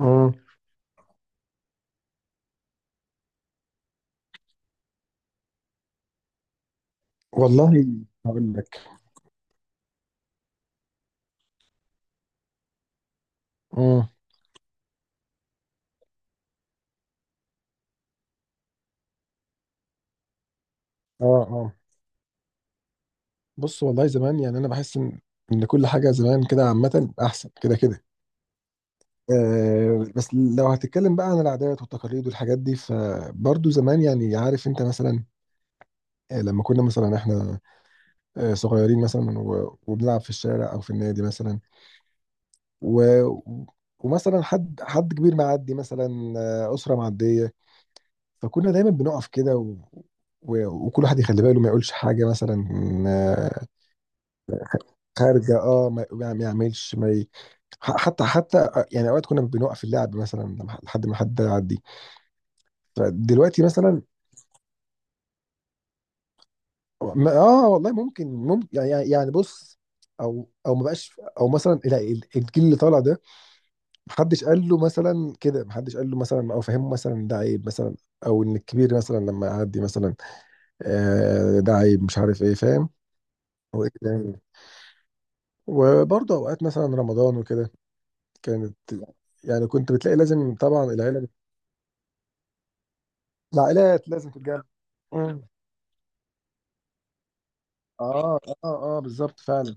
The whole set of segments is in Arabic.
امم والله، هقول لك. امم اه، اه. بص، والله زمان، يعني انا بحس ان كل حاجه زمان كده عامه احسن كده كده. آه، بس لو هتتكلم بقى عن العادات والتقاليد والحاجات دي فبرضه زمان، يعني عارف انت مثلا، آه لما كنا مثلا احنا آه صغيرين مثلا وبنلعب في الشارع او في النادي مثلا، و ومثلا حد كبير معدي مثلا، آه اسره معديه، فكنا دايما بنقف كده وكل واحد يخلي باله ما يقولش حاجه مثلا، آه خارجه، ما يعملش ما ي... حتى آه، يعني اوقات كنا بنوقف اللعب مثلا لحد ما حد يعدي. فدلوقتي مثلا، اه والله، ممكن، يعني بص او ما بقاش، او مثلا لا، الجيل اللي طالع ده محدش قال له مثلا كده، محدش قال له مثلا او فهمه مثلا ده عيب مثلا، او ان الكبير مثلا لما يعدي مثلا آه ده عيب، مش عارف ايه، فاهم. هو إيه ده؟ وبرضه اوقات مثلا رمضان وكده كانت، يعني كنت بتلاقي لازم طبعا العيله، العائلات لازم تتجمع. مم. اه، اه، اه، بالظبط فعلا.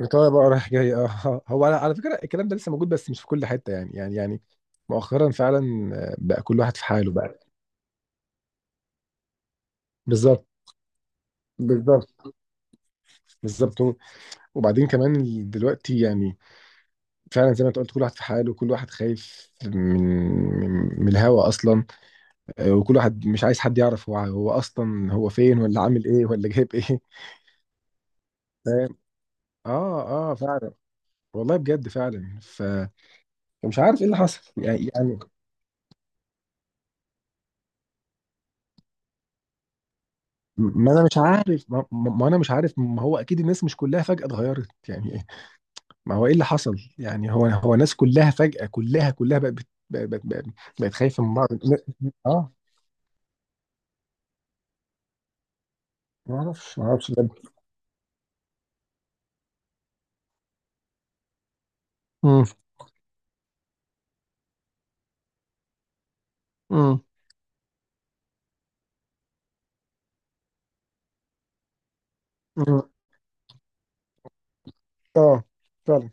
ايطاليا بقى رايح جاي، اه. آه، هو على فكره الكلام ده لسه موجود، بس مش في كل حته، يعني مؤخرا فعلا. آه، بقى كل واحد في حاله بقى. بالظبط، بالظبط، بالظبط. وبعدين كمان دلوقتي يعني فعلا زي ما انت قلت، كل واحد في حاله، وكل واحد خايف من من، من الهوا اصلا. آه، وكل واحد مش عايز حد يعرف هو اصلا هو فين، ولا عامل ايه، ولا جايب ايه، فاهم. اه، اه فعلا. والله بجد فعلا. ف مش عارف ايه اللي حصل، يعني. ما انا مش عارف، ما, ما ما انا مش عارف، ما هو اكيد الناس مش كلها فجأة اتغيرت، يعني إيه؟ ما هو ايه اللي حصل، يعني هو الناس كلها فجأة، كلها بقت بقت خايفة من بعض. اه، ما اعرفش، ما اعرفش ده. امم امم أمم. اه فعلا.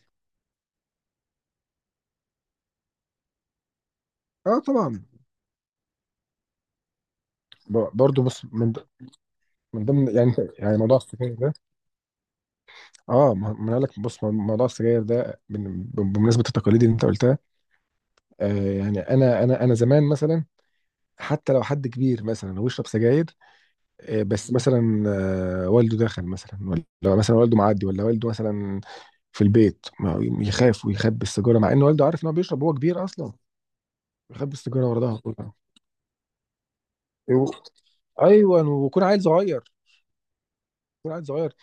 اه طبعا. برضو بص، من من ضمن يعني، يعني موضوع السجاير ده، اه ما ما انا قال لك، بص، موضوع السجاير ده بمناسبة التقاليد اللي انت قلتها، آه يعني انا زمان مثلا حتى لو حد كبير مثلا ويشرب سجاير، آه بس مثلا آه والده داخل مثلا، ولا مثلا والده معدي، ولا والده مثلا في البيت، ما هو يخاف ويخبي السيجاره مع ان والده عارف ان هو بيشرب، هو كبير اصلا. يخبي السيجاره ورا ظهره كلها. و- ايوه، ويكون عيل صغير، يكون عيل صغير.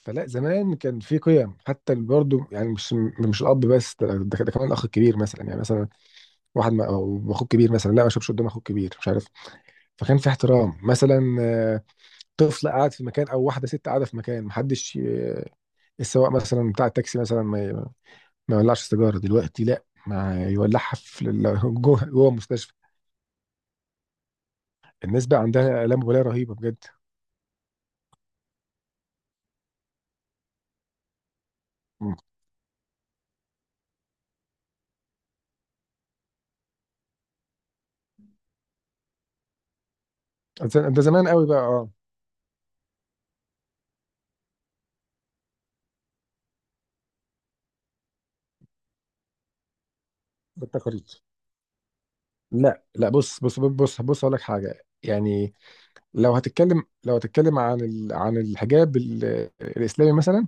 فلا زمان كان في قيم حتى برضه، يعني مش الاب بس، ده ده كمان الاخ الكبير مثلا، يعني مثلا واحد ما أو اخوك كبير مثلا، لا ما اشربش قدام اخوك كبير، مش عارف. فكان في احترام مثلا، آه طفل قاعد في مكان، او واحده ست قاعده في مكان، محدش السواق مثلا بتاع التاكسي مثلا ما يولعش سيجاره، دلوقتي لا ما يولعها في جوه المستشفى. الناس بقى عندها آلام مبالاه رهيبه بجد. مم. ده، ده زمان قوي بقى، اه. بالتقاليد، لا، لا، بص اقول لك حاجه، يعني لو هتتكلم، لو هتتكلم عن عن الحجاب الاسلامي مثلا،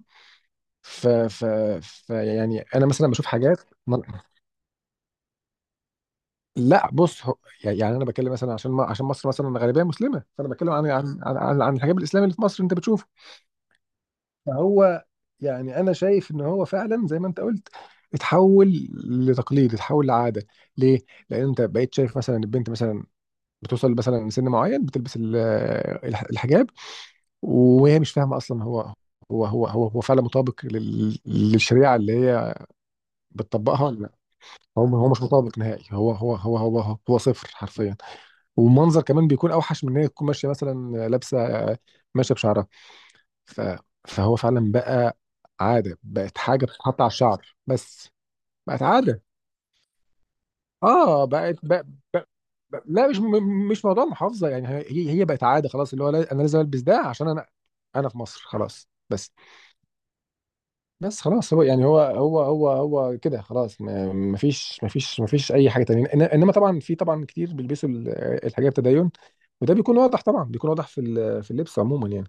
ف... ف... ف يعني انا مثلا بشوف حاجات. لا بص هو، يعني انا بتكلم مثلا عشان ما عشان مصر مثلا غالبيه مسلمه، فانا بتكلم عن الحجاب الاسلامي اللي في مصر انت بتشوفه. فهو يعني انا شايف ان هو فعلا زي ما انت قلت اتحول لتقليد، اتحول لعاده. ليه؟ لان انت بقيت شايف مثلا البنت مثلا بتوصل مثلا سن معين بتلبس الحجاب، وهي مش فاهمه اصلا هو هو فعلا مطابق للشريعه اللي هي بتطبقها ولا لا. هو مش مطابق نهائي، هو هو صفر حرفيا. والمنظر كمان بيكون اوحش من ان هي تكون ماشيه مثلا لابسه، ماشيه بشعرها. ف... فهو فعلا بقى عاده، بقت حاجه بتتحط على الشعر بس. بقت عاده. اه، بقى... لا مش مش موضوع محافظه، يعني هي بقت عاده خلاص، اللي هو لا، انا لازم البس ده عشان انا، انا في مصر، خلاص بس. بس خلاص، هو يعني هو هو هو هو كده خلاص. ما فيش اي حاجه تانية. انما طبعا في، طبعا كتير بيلبسوا الحاجات التدين، وده بيكون واضح طبعا، بيكون واضح في في اللبس عموما يعني.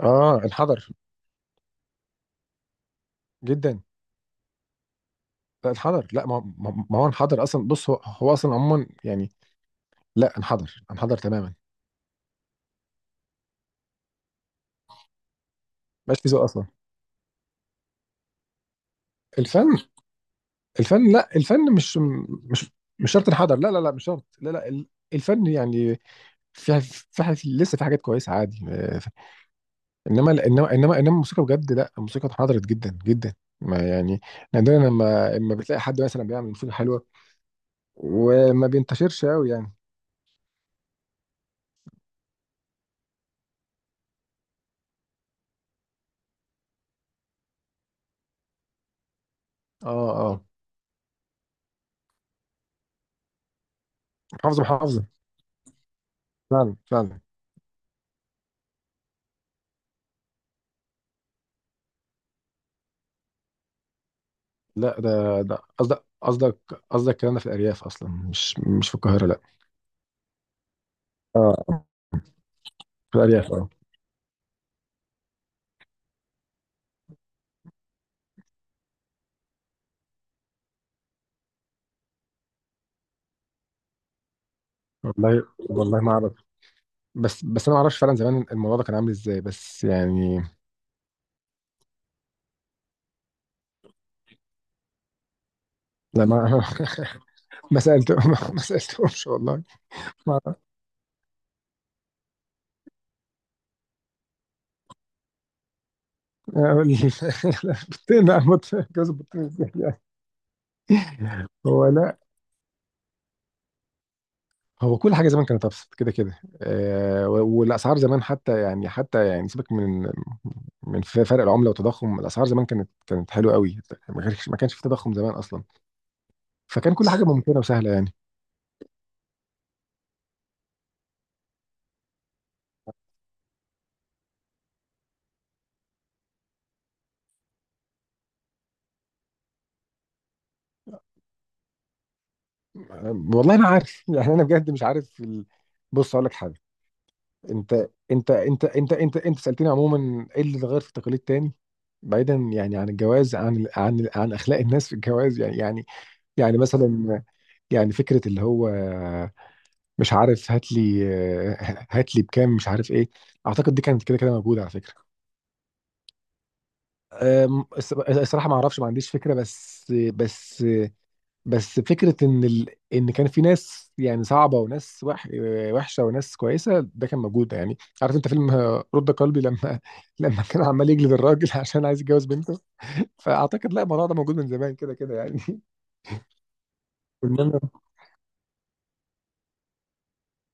اه، انحدر جدا. لا انحدر، لا ما ما ما هو انحدر اصلا، بص هو، هو اصلا عموما يعني، لا انحدر، انحدر تماما. مش في ذوق اصلا. الفن، الفن، لا الفن مش، مش مش شرط انحدر، لا لا لا مش شرط، لا لا الفن يعني، في في حاجات، لسه في حاجات كويسه عادي. آه، انما الموسيقى بجد، لا الموسيقى انحدرت جدا جدا. ما يعني نادرا لما بتلاقي حد مثلا بيعمل موسيقى حلوه، وما بينتشرش قوي يعني. اه، اه. محافظه، محافظه. فعلا، فعلا. لا ده، ده قصدك، قصدك الكلام ده في الأرياف أصلا، مش في القاهرة لا. اه، في الأرياف اه. والله، والله ما أعرف، بس أنا ما أعرفش فعلا زمان الموضوع ده كان عامل إزاي، بس يعني. لا، ما ما سألته، ما, ما سألتهمش والله. ما بطين، أموت في جوز البطين، إزاي يعني؟ هو لا، هو كل حاجه زمان كانت ابسط كده كده. آه، والاسعار زمان، حتى يعني، حتى يعني سيبك من من فرق العمله والتضخم، الاسعار زمان كانت، كانت حلوه قوي. ما كانش، ما كانش في تضخم زمان اصلا، فكان كل حاجه ممكنه وسهله يعني. والله انا عارف يعني انا بجد مش عارف ال... بص اقول لك حاجه. انت سالتني عموما ايه اللي اتغير في التقاليد تاني، بعيدا يعني عن الجواز، عن عن عن اخلاق الناس في الجواز، يعني يعني مثلا، يعني فكره اللي هو مش عارف، هات لي، هات لي بكام، مش عارف ايه. اعتقد دي كانت كده كده موجوده على فكره. أم، الصراحه ما اعرفش، ما عنديش فكره. بس فكرة إن ال... إن كان في ناس يعني صعبة، وناس وحشة، وناس كويسة، ده كان موجود، يعني عارف أنت فيلم آه رد قلبي؟ لما لما كان عمال يجلد الراجل عشان عايز يتجوز بنته. فأعتقد لا، الموضوع ده موجود من زمان كده كده يعني. إنما-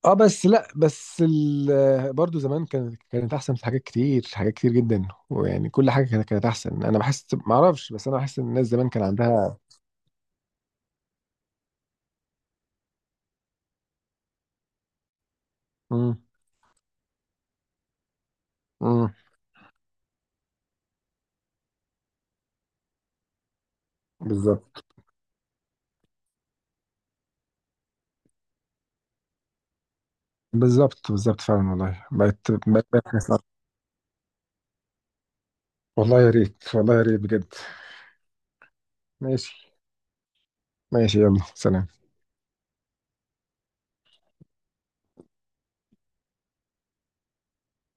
اه بس لا، بس ال... برضه زمان كانت، كانت أحسن في حاجات كتير، حاجات كتير جدا، ويعني كل حاجة كانت، كانت أحسن، أنا بحس، معرفش، بس أنا بحس إن الناس زمان كان عندها. امم، امم. بالظبط، بالظبط، بالظبط فعلا، والله بقت، بقت، بقت. والله يا ريت، والله يا ريت بجد. ماشي. ماشي. يلا سلام.